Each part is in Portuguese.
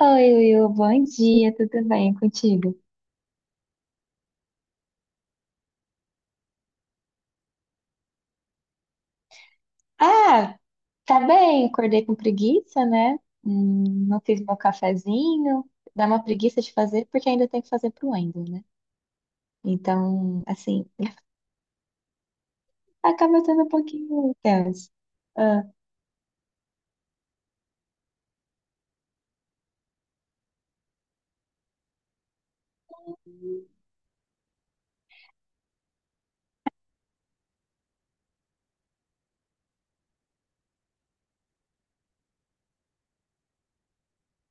Oi, Will, bom dia, tudo bem contigo? Ah, tá bem, acordei com preguiça, né? Não fiz meu cafezinho, dá uma preguiça de fazer porque ainda tem que fazer pro Wendel, né? Então, assim, acaba sendo um pouquinho tenso. Ah,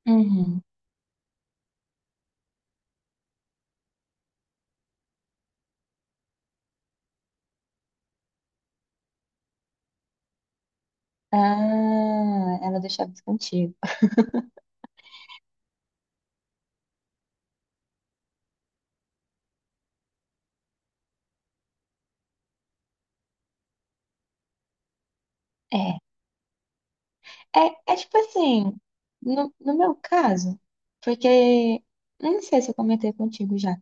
uhum. Ah, ela deixava isso contigo. É, é, tipo assim, no meu caso, porque, eu não sei se eu comentei contigo já.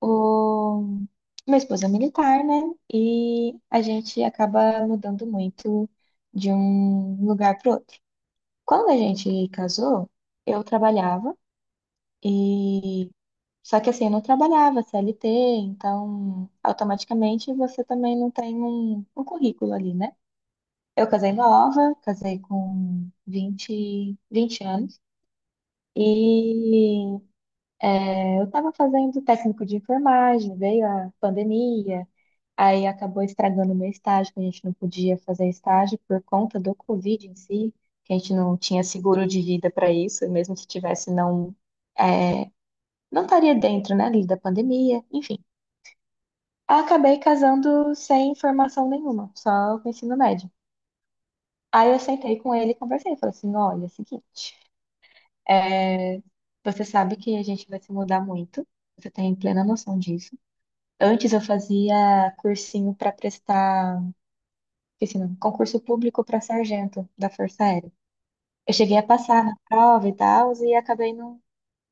O... Meu esposo é militar, né? E a gente acaba mudando muito de um lugar para outro. Quando a gente casou, eu trabalhava e só que assim, eu não trabalhava CLT, então automaticamente você também não tem um currículo ali, né? Eu casei nova, casei com vinte anos e eu estava fazendo técnico de enfermagem, veio a pandemia. Aí acabou estragando o meu estágio, que a gente não podia fazer estágio por conta do Covid em si, que a gente não tinha seguro de vida para isso, e mesmo se tivesse, não, é, não estaria dentro, né, ali da pandemia, enfim. Acabei casando sem formação nenhuma, só com ensino médio. Aí eu sentei com ele e conversei, falei assim, olha, é o seguinte, é, você sabe que a gente vai se mudar muito, você tem plena noção disso. Antes eu fazia cursinho para prestar. Esqueci, não. Concurso público para sargento da Força Aérea. Eu cheguei a passar na prova e tal, e acabei não,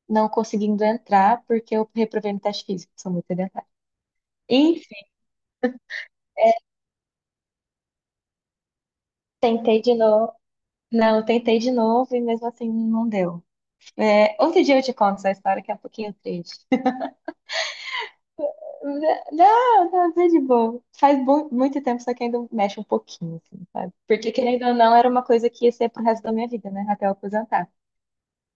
não conseguindo entrar porque eu reprovei no teste físico, sou muito sedentária. Enfim, tentei de novo. Não, tentei de novo e mesmo assim não deu. É, outro dia eu te conto essa história que é um pouquinho triste. Não, não, tá de boa. Faz muito tempo, só que ainda mexe um pouquinho, assim, sabe? Porque, querendo ou não, era uma coisa que ia ser pro resto da minha vida, né? Até eu aposentar.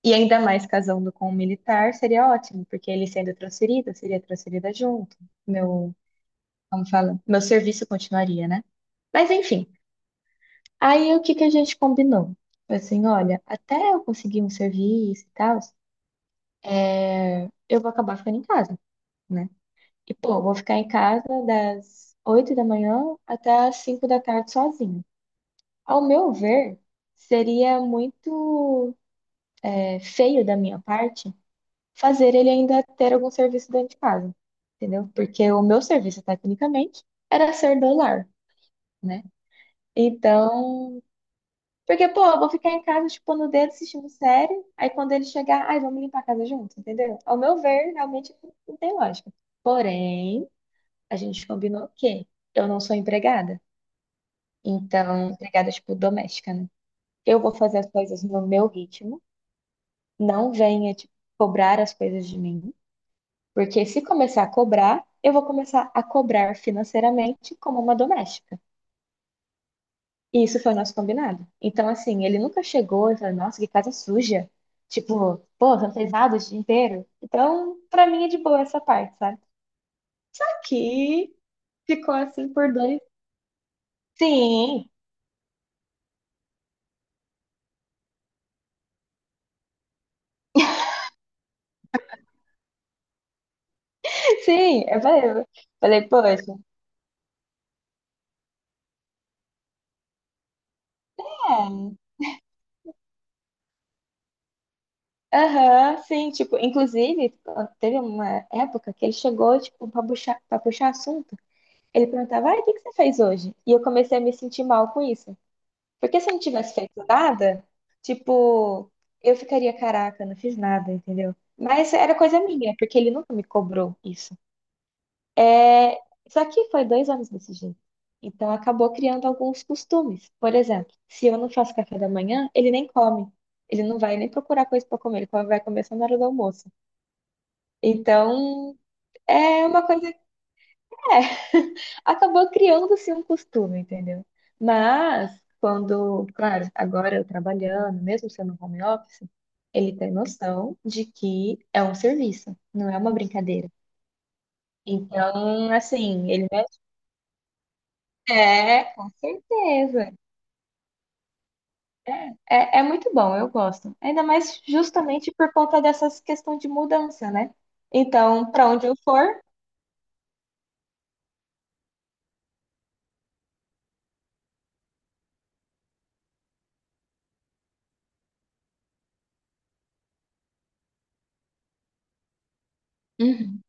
E ainda mais casando com um militar seria ótimo, porque ele sendo transferido, eu seria transferida junto. Meu, como fala? Meu serviço continuaria, né? Mas enfim, aí o que que a gente combinou? Foi assim, olha, até eu conseguir um serviço e tal, é, eu vou acabar ficando em casa, né? E pô, eu vou ficar em casa das 8 da manhã até as 5 da tarde sozinha. Ao meu ver, seria muito é, feio da minha parte fazer ele ainda ter algum serviço dentro de casa, entendeu? Porque o meu serviço, tecnicamente, era ser do lar, né? Então, porque, pô, eu vou ficar em casa tipo no dedo, assistindo série, aí quando ele chegar, ai, vamos limpar a casa junto, entendeu? Ao meu ver, realmente não tem lógica. Porém, a gente combinou que eu não sou empregada, então, empregada, tipo, doméstica, né? Eu vou fazer as coisas no meu ritmo, não venha, tipo, cobrar as coisas de mim. Porque se começar a cobrar, eu vou começar a cobrar financeiramente como uma doméstica. E isso foi o nosso combinado. Então, assim, ele nunca chegou e falou, nossa, que casa suja. Tipo, pô, você não fez nada o dia inteiro. Então, pra mim é de boa essa parte, sabe? Aqui ficou assim por dois. Sim, sim. Eu falei, poxa, é. Aham, sim. Tipo, inclusive, teve uma época que ele chegou, tipo, pra puxar assunto. Ele perguntava, ai, o que que você fez hoje? E eu comecei a me sentir mal com isso. Porque se eu não tivesse feito nada, tipo, eu ficaria, caraca, não fiz nada, entendeu? Mas era coisa minha, porque ele nunca me cobrou isso. É... Só que foi 2 anos desse jeito. Então acabou criando alguns costumes. Por exemplo, se eu não faço café da manhã, ele nem come. Ele não vai nem procurar coisa para comer, ele vai comer só na hora do almoço. Então, é uma coisa. É, acabou criando-se um costume, entendeu? Mas, quando, claro, agora eu trabalhando, mesmo sendo home office, ele tem noção de que é um serviço, não é uma brincadeira. Então, assim, ele me... É, com certeza. É, é muito bom, eu gosto. Ainda mais justamente por conta dessas questões de mudança, né? Então, para onde eu for, uhum.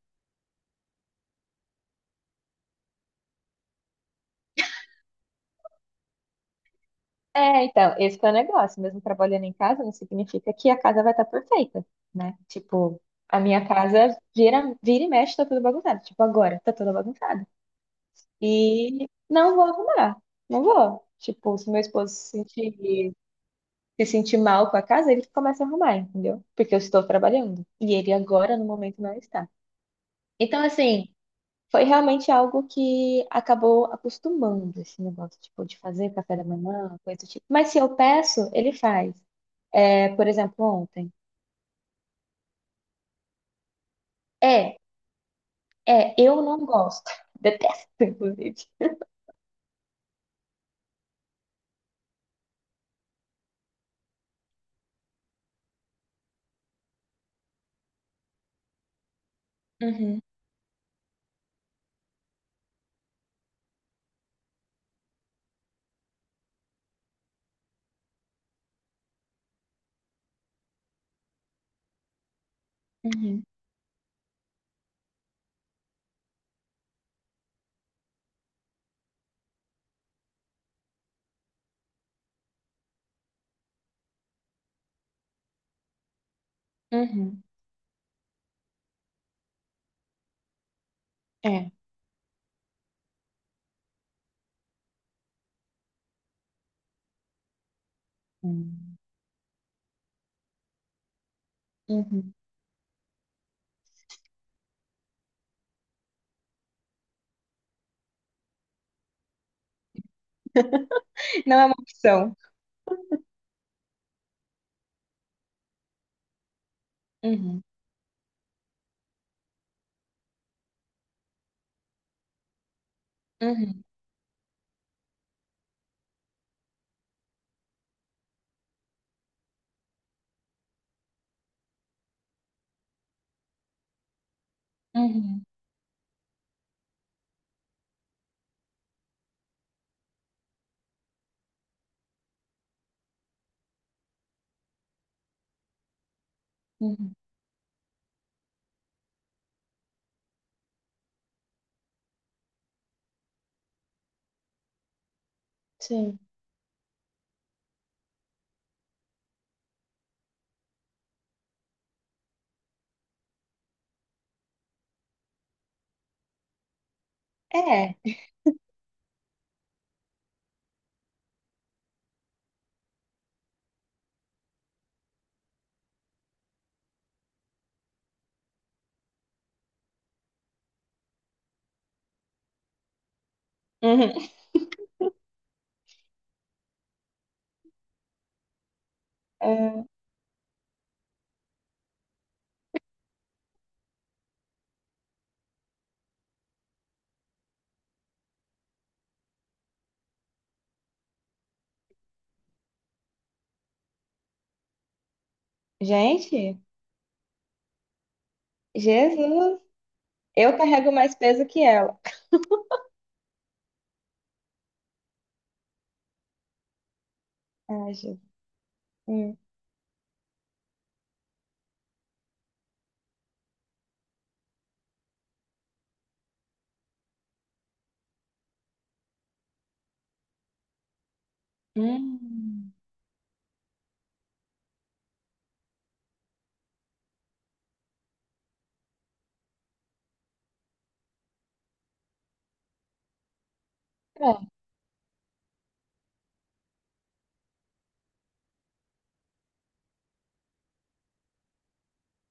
É, então, esse que é o negócio. Mesmo trabalhando em casa, não significa que a casa vai estar perfeita, né? Tipo, a minha casa vira e mexe, tá toda bagunçada. Tipo, agora, tá toda bagunçada. E não vou arrumar. Não vou. Tipo, se meu esposo se sentir mal com a casa, ele começa a arrumar, entendeu? Porque eu estou trabalhando. E ele agora, no momento, não está. Então, assim, foi realmente algo que acabou acostumando esse negócio, tipo, de fazer café da manhã, coisa do tipo. Mas se eu peço, ele faz. É, por exemplo, ontem. É, eu não gosto. Detesto, inclusive. Uhum, uhum, uhum. É. Hum, uhum. Não é uma opção. Uhum, uhum, uhum, uhum. Sim. É. Uhum. Ah, gente, Jesus, eu carrego mais peso que ela. Ai, Jesus. Hum. Hum. É,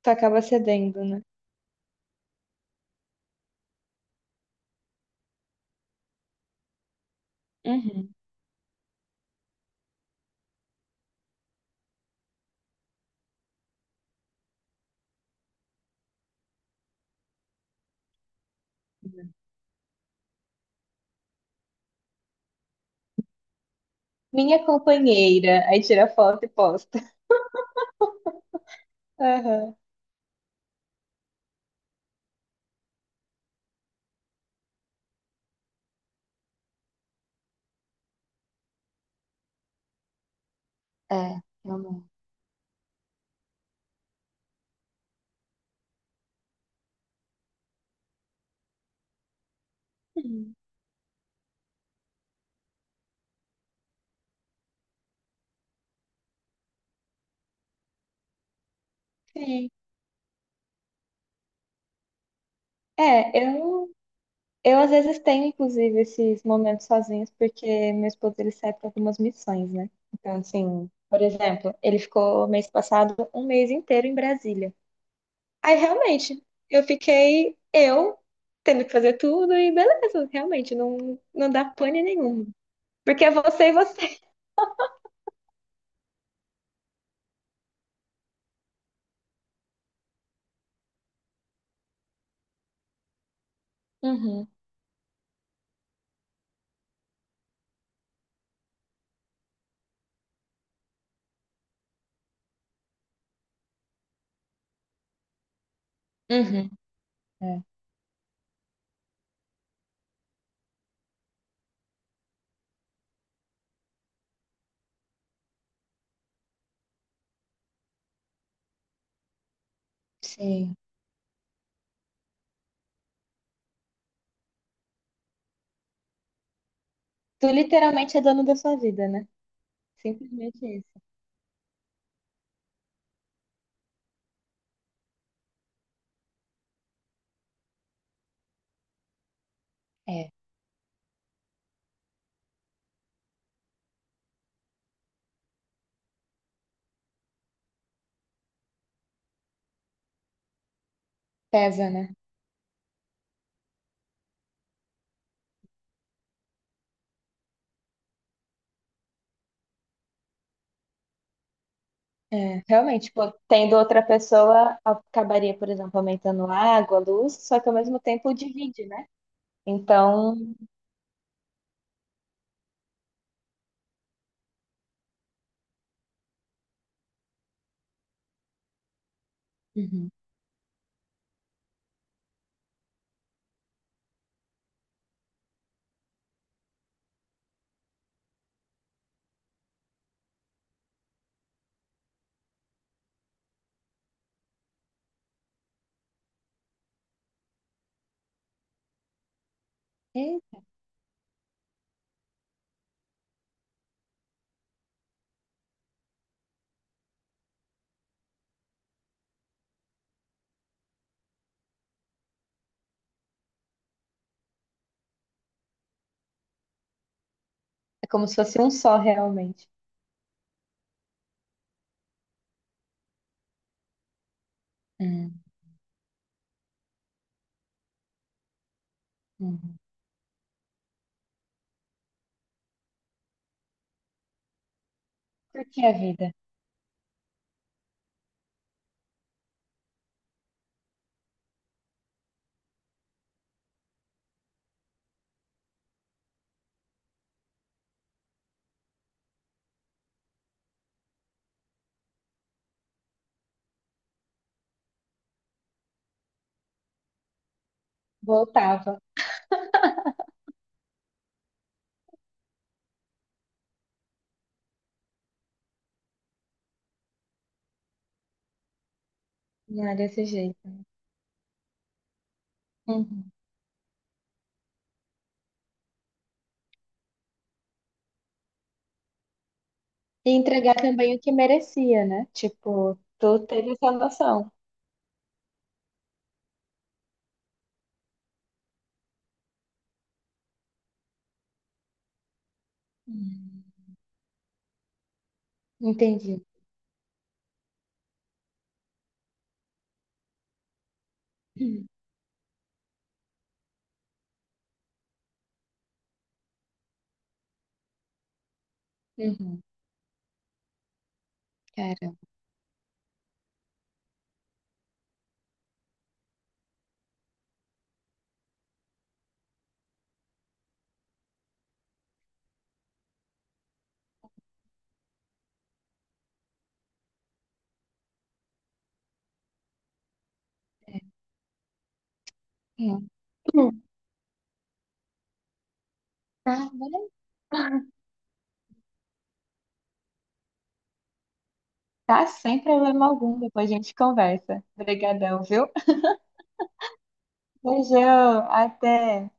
tu acaba cedendo, né? Uhum. Minha companheira. Aí tira foto e posta. Aham. É, eu não. Sim. É, eu às vezes tenho, inclusive, esses momentos sozinhos, porque meu esposo ele sai para algumas missões, né? Então, assim, por exemplo, ele ficou mês passado um mês inteiro em Brasília. Aí, realmente, eu tendo que fazer tudo e beleza, realmente, não, não dá pane nenhuma. Porque é você e você. Uhum, uhum. É, sim. Tu literalmente é dono da sua vida, né? Simplesmente isso. É, pesa, né? É, realmente, tipo, tendo outra pessoa, acabaria, por exemplo, aumentando a água, a luz, só que ao mesmo tempo divide, né? Então, uhum. É, é como se fosse um só, realmente. Uhum. Uhum. Porque a vida voltava, não era desse jeito. Né? Uhum. E entregar também o que merecia, né? Tipo, tu teve essa noção. Uhum. Entendi. Uhum. Uhum. Caramba. É. Uhum. Tá, beleza. Tá, sem problema algum, depois a gente conversa. Obrigadão, viu? Beijão, até.